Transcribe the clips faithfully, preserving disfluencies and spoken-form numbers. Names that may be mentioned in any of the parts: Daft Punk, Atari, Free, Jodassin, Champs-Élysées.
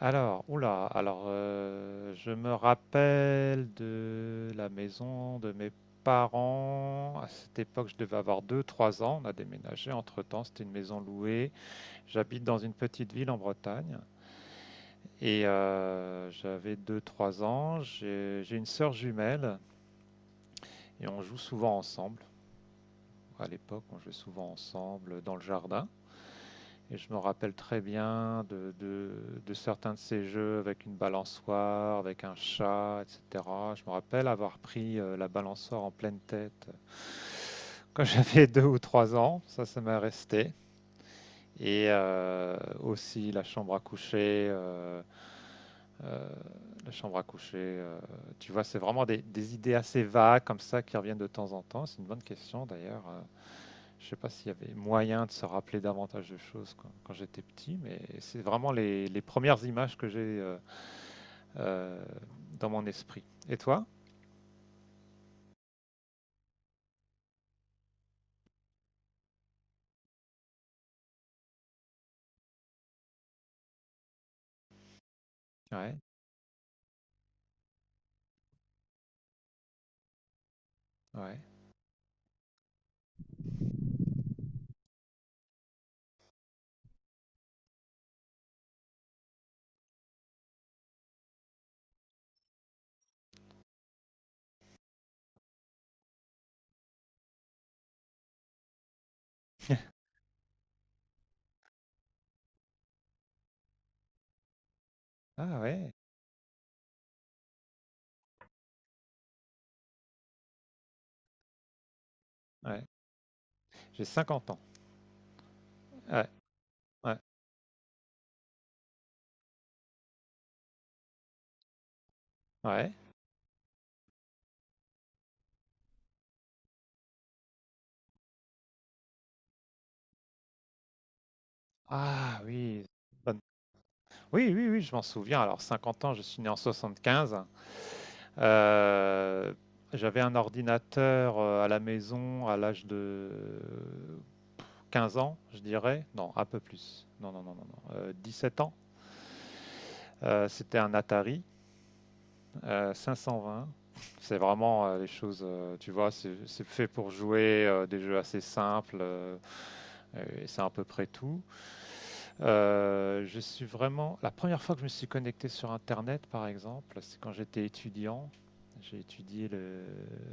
Alors, oula, alors euh, je me rappelle de la maison de mes parents. À cette époque, je devais avoir deux, trois ans. On a déménagé entre-temps, c'était une maison louée. J'habite dans une petite ville en Bretagne et euh, j'avais deux, trois ans. J'ai j'ai une sœur jumelle et on joue souvent ensemble. À l'époque, on jouait souvent ensemble dans le jardin. Et je me rappelle très bien de, de, de certains de ces jeux avec une balançoire, avec un chat, et cetera. Je me rappelle avoir pris euh, la balançoire en pleine tête euh, quand j'avais deux ou trois ans. Ça, ça m'est resté. Et euh, aussi la chambre à coucher. euh, euh, la chambre à coucher. Euh, tu vois, c'est vraiment des, des idées assez vagues comme ça qui reviennent de temps en temps. C'est une bonne question d'ailleurs. Euh, je sais pas s'il y avait moyen de se rappeler davantage de choses quand, quand j'étais petit, mais c'est vraiment les, les premières images que j'ai euh, euh, dans mon esprit. Et toi? Ouais, ouais. Ah, ouais, ouais. J'ai cinquante ans. Ouais, ouais, ouais. Ah, oui. bonne- Oui, oui, oui, je m'en souviens. Alors, cinquante ans, je suis né en soixante-quinze. Euh, J'avais un ordinateur euh, à la maison à l'âge de quinze ans, je dirais. Non, un peu plus. Non, non, non, non, non. Euh, dix-sept ans. Euh, c'était un Atari euh, cinq cent vingt. C'est vraiment euh, les choses, euh, tu vois, c'est c'est fait pour jouer euh, des jeux assez simples. Euh, et c'est à peu près tout. Euh, je suis vraiment. La première fois que je me suis connecté sur Internet, par exemple, c'est quand j'étais étudiant. J'ai étudié le-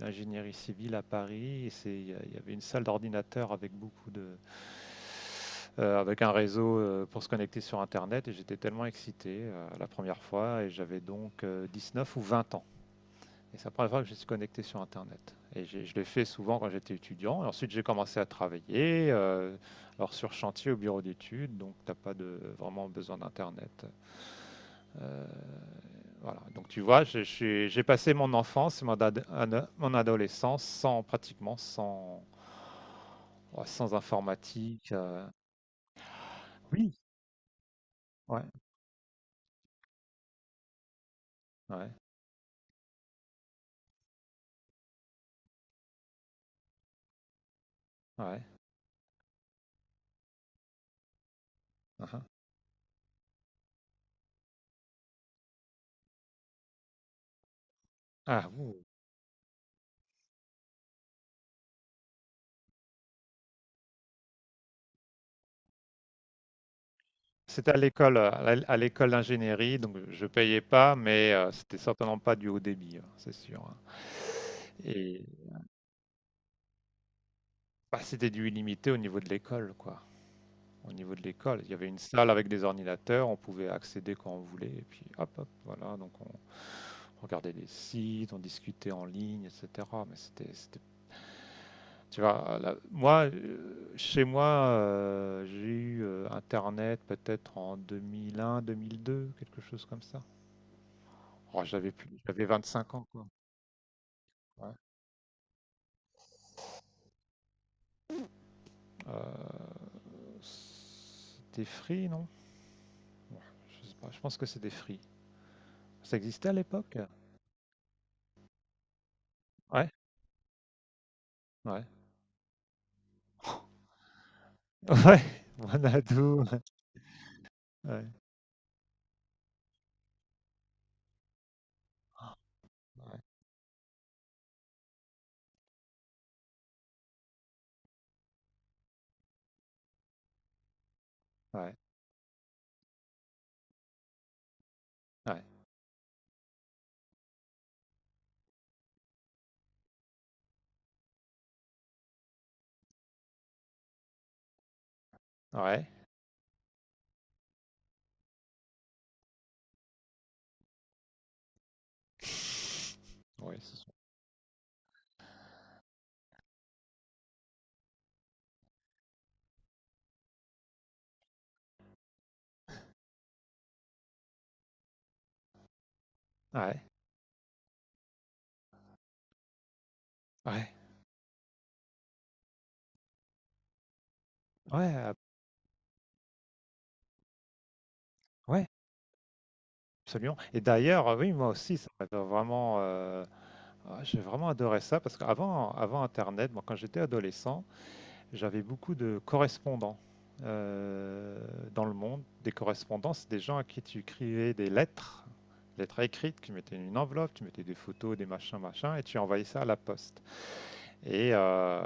l'ingénierie civile à Paris. Et c'est- il y a- il y avait une salle d'ordinateur avec beaucoup de, euh, avec un réseau euh, pour se connecter sur Internet. Et j'étais tellement excité euh, la première fois. Et j'avais donc euh, neuf ou vingt ans. Et c'est la première fois que je suis connecté sur Internet. Et je l'ai fait souvent quand j'étais étudiant. Et ensuite, j'ai commencé à travailler, euh, alors sur chantier au bureau d'études, donc t'as pas de, vraiment besoin d'Internet. Euh, voilà. Donc tu vois, j'ai passé mon enfance, et mon, ad- mon adolescence sans pratiquement sans, oh, sans informatique. euh. Oui. Ouais. Ouais. Ouais. Uhum. Ah, ouh. C'était à l'école, euh, à l- à l'école d'ingénierie, donc je payais pas, mais euh, c'était certainement pas du haut débit, hein, c'est sûr. Hein. Et bah, c'était du illimité au niveau de l'école, quoi. Au niveau de l'école, il y avait une salle avec des ordinateurs, on pouvait accéder quand on voulait, et puis hop, hop, voilà. Donc on regardait des sites, on discutait en ligne, et cetera. Mais c'était, c'était- tu vois, là- moi, euh, chez moi, euh, j'ai eu euh, Internet peut-être en deux mille un, deux mille deux, quelque chose comme ça. Oh, j'avais plus, j'avais vingt-cinq ans, quoi. Ouais. Euh, C'était Free, non? Ouais, je sais pas, je pense que c'était Free. Ça existait à l'époque? Ouais, ouais. Ouais, Xanadu. Ouais, ouais, ouais, ouais, ouais. Ouais, c'est ça. Ouais, ouais, ouais, ab- ouais, absolument. Et d'ailleurs, euh, oui, moi aussi, ça m'a vraiment, euh, ah, j'ai vraiment adoré ça parce qu'avant, avant Internet, moi, quand j'étais adolescent, j'avais beaucoup de correspondants euh, dans le monde. Des correspondants, c'est des gens à qui tu écrivais des lettres, lettres écrites, tu mettais une enveloppe, tu mettais des photos, des machins, machins, et tu envoyais ça à la poste. Et euh,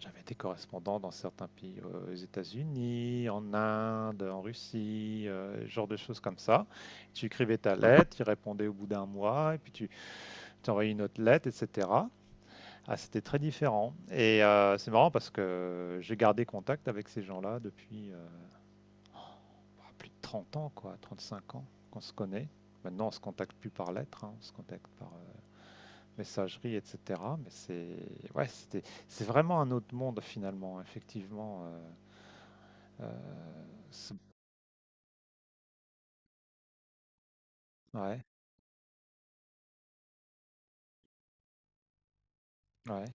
j'avais des correspondants dans certains pays, euh, aux États-Unis, en Inde, en Russie, euh, genre de choses comme ça. Tu écrivais ta lettre, tu répondais au bout d'un mois, et puis tu t'envoyais une autre lettre, et cetera. Ah, c'était très différent. Et euh, c'est marrant parce que j'ai gardé contact avec ces gens-là depuis euh, plus de trente ans, quoi, trente cinq ans qu'on se connaît. Maintenant, on se contacte plus par lettre, hein, on se contacte par euh, messagerie, et cetera. Mais c'est ouais, c'était c'est vraiment un autre monde finalement, effectivement. euh, euh, ce- ouais, ouais,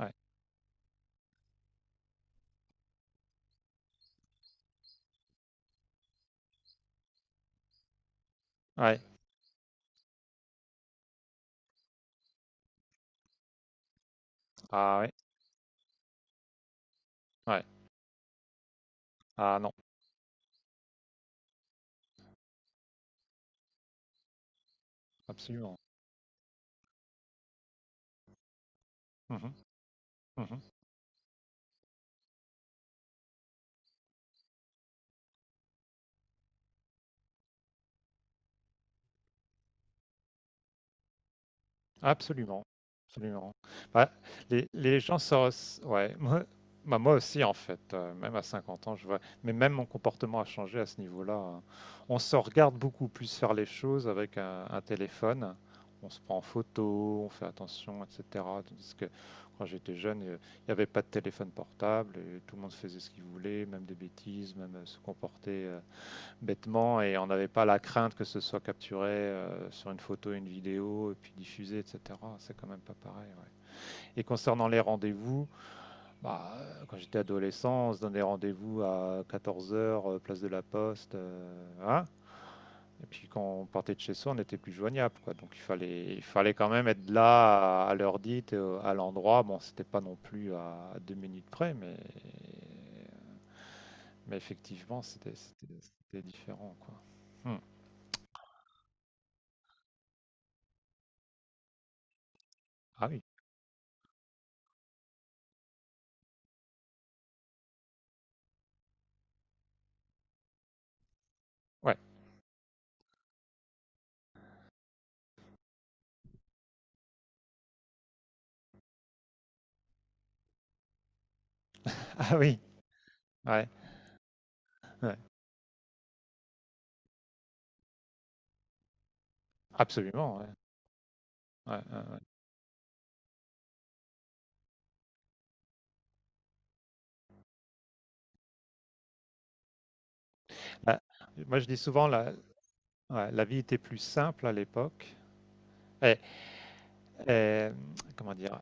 ouais, ouais. Ah, ouais, ouais. Ah, non, absolument. Mhm, mhm. Absolument, absolument. Bah, les, les gens se... res- Ouais. Moi, bah, moi aussi, en fait, euh, même à cinquante ans, je vois. Mais même mon comportement a changé à ce niveau-là. Hein. On se regarde beaucoup plus faire les choses avec un, un téléphone. On se prend en photo, on fait attention, et cetera. Tandis que quand j'étais jeune, euh, il n'y avait pas de téléphone portable et tout le monde faisait ce qu'il voulait, même des bêtises, même euh, se comporter euh, bêtement et on n'avait pas la crainte que ce soit capturé euh, sur une photo, une vidéo et puis diffusé, et cetera. C'est quand même pas pareil. Ouais. Et concernant les rendez-vous, bah, euh, quand j'étais adolescent, on se donnait rendez-vous à quatorze heures, euh, place de la Poste. Euh, hein. Et puis quand on partait de chez soi, on n'était plus joignable. Quoi. Donc il fallait, il fallait quand même être là à, à l'heure dite, euh, à l'endroit. Bon, c'était pas non plus à deux minutes près, mais, mais effectivement, c'était c'était- c'était différent. Quoi. Hmm. Ah, oui. Ouais. Ah, oui, ouais, ouais, absolument. Ouais, ouais, ouais, ouais. Bah, moi, je dis souvent, la, ouais, la vie était plus simple à l'époque. Eh, eh, comment dire?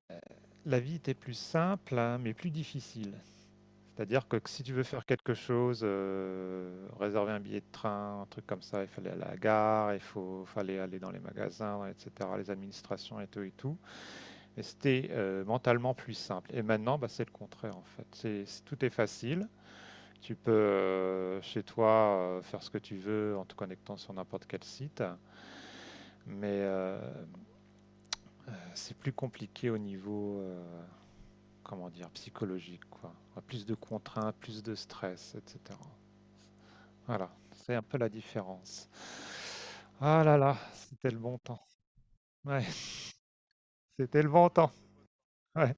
La vie était plus simple, hein, mais plus difficile. C'est-à-dire que si tu veux faire quelque chose, euh, réserver un billet de train, un truc comme ça, il fallait aller à la gare, il faut, fallait aller dans les magasins, et cetera, les administrations et tout et tout. Et c'était euh, mentalement plus simple. Et maintenant, bah, c'est le contraire en fait. C'est, c'est- tout est facile. Tu peux euh, chez toi euh, faire ce que tu veux en te connectant sur n'importe quel site, mais euh, c'est plus compliqué au niveau, euh, comment dire, psychologique, quoi. Enfin, plus de contraintes, plus de stress, et cetera. Voilà, c'est un peu la différence. Ah là là, c'était le bon temps. Ouais, c'était le bon temps. Ouais,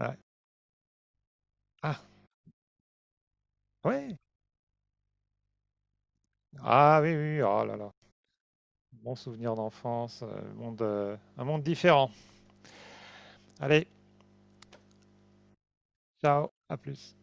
ouais. Ah, ouais. Ah, oui, oui, oui, oh là là. Bon souvenir d'enfance, euh, monde, euh, un monde différent. Allez, ciao, à plus.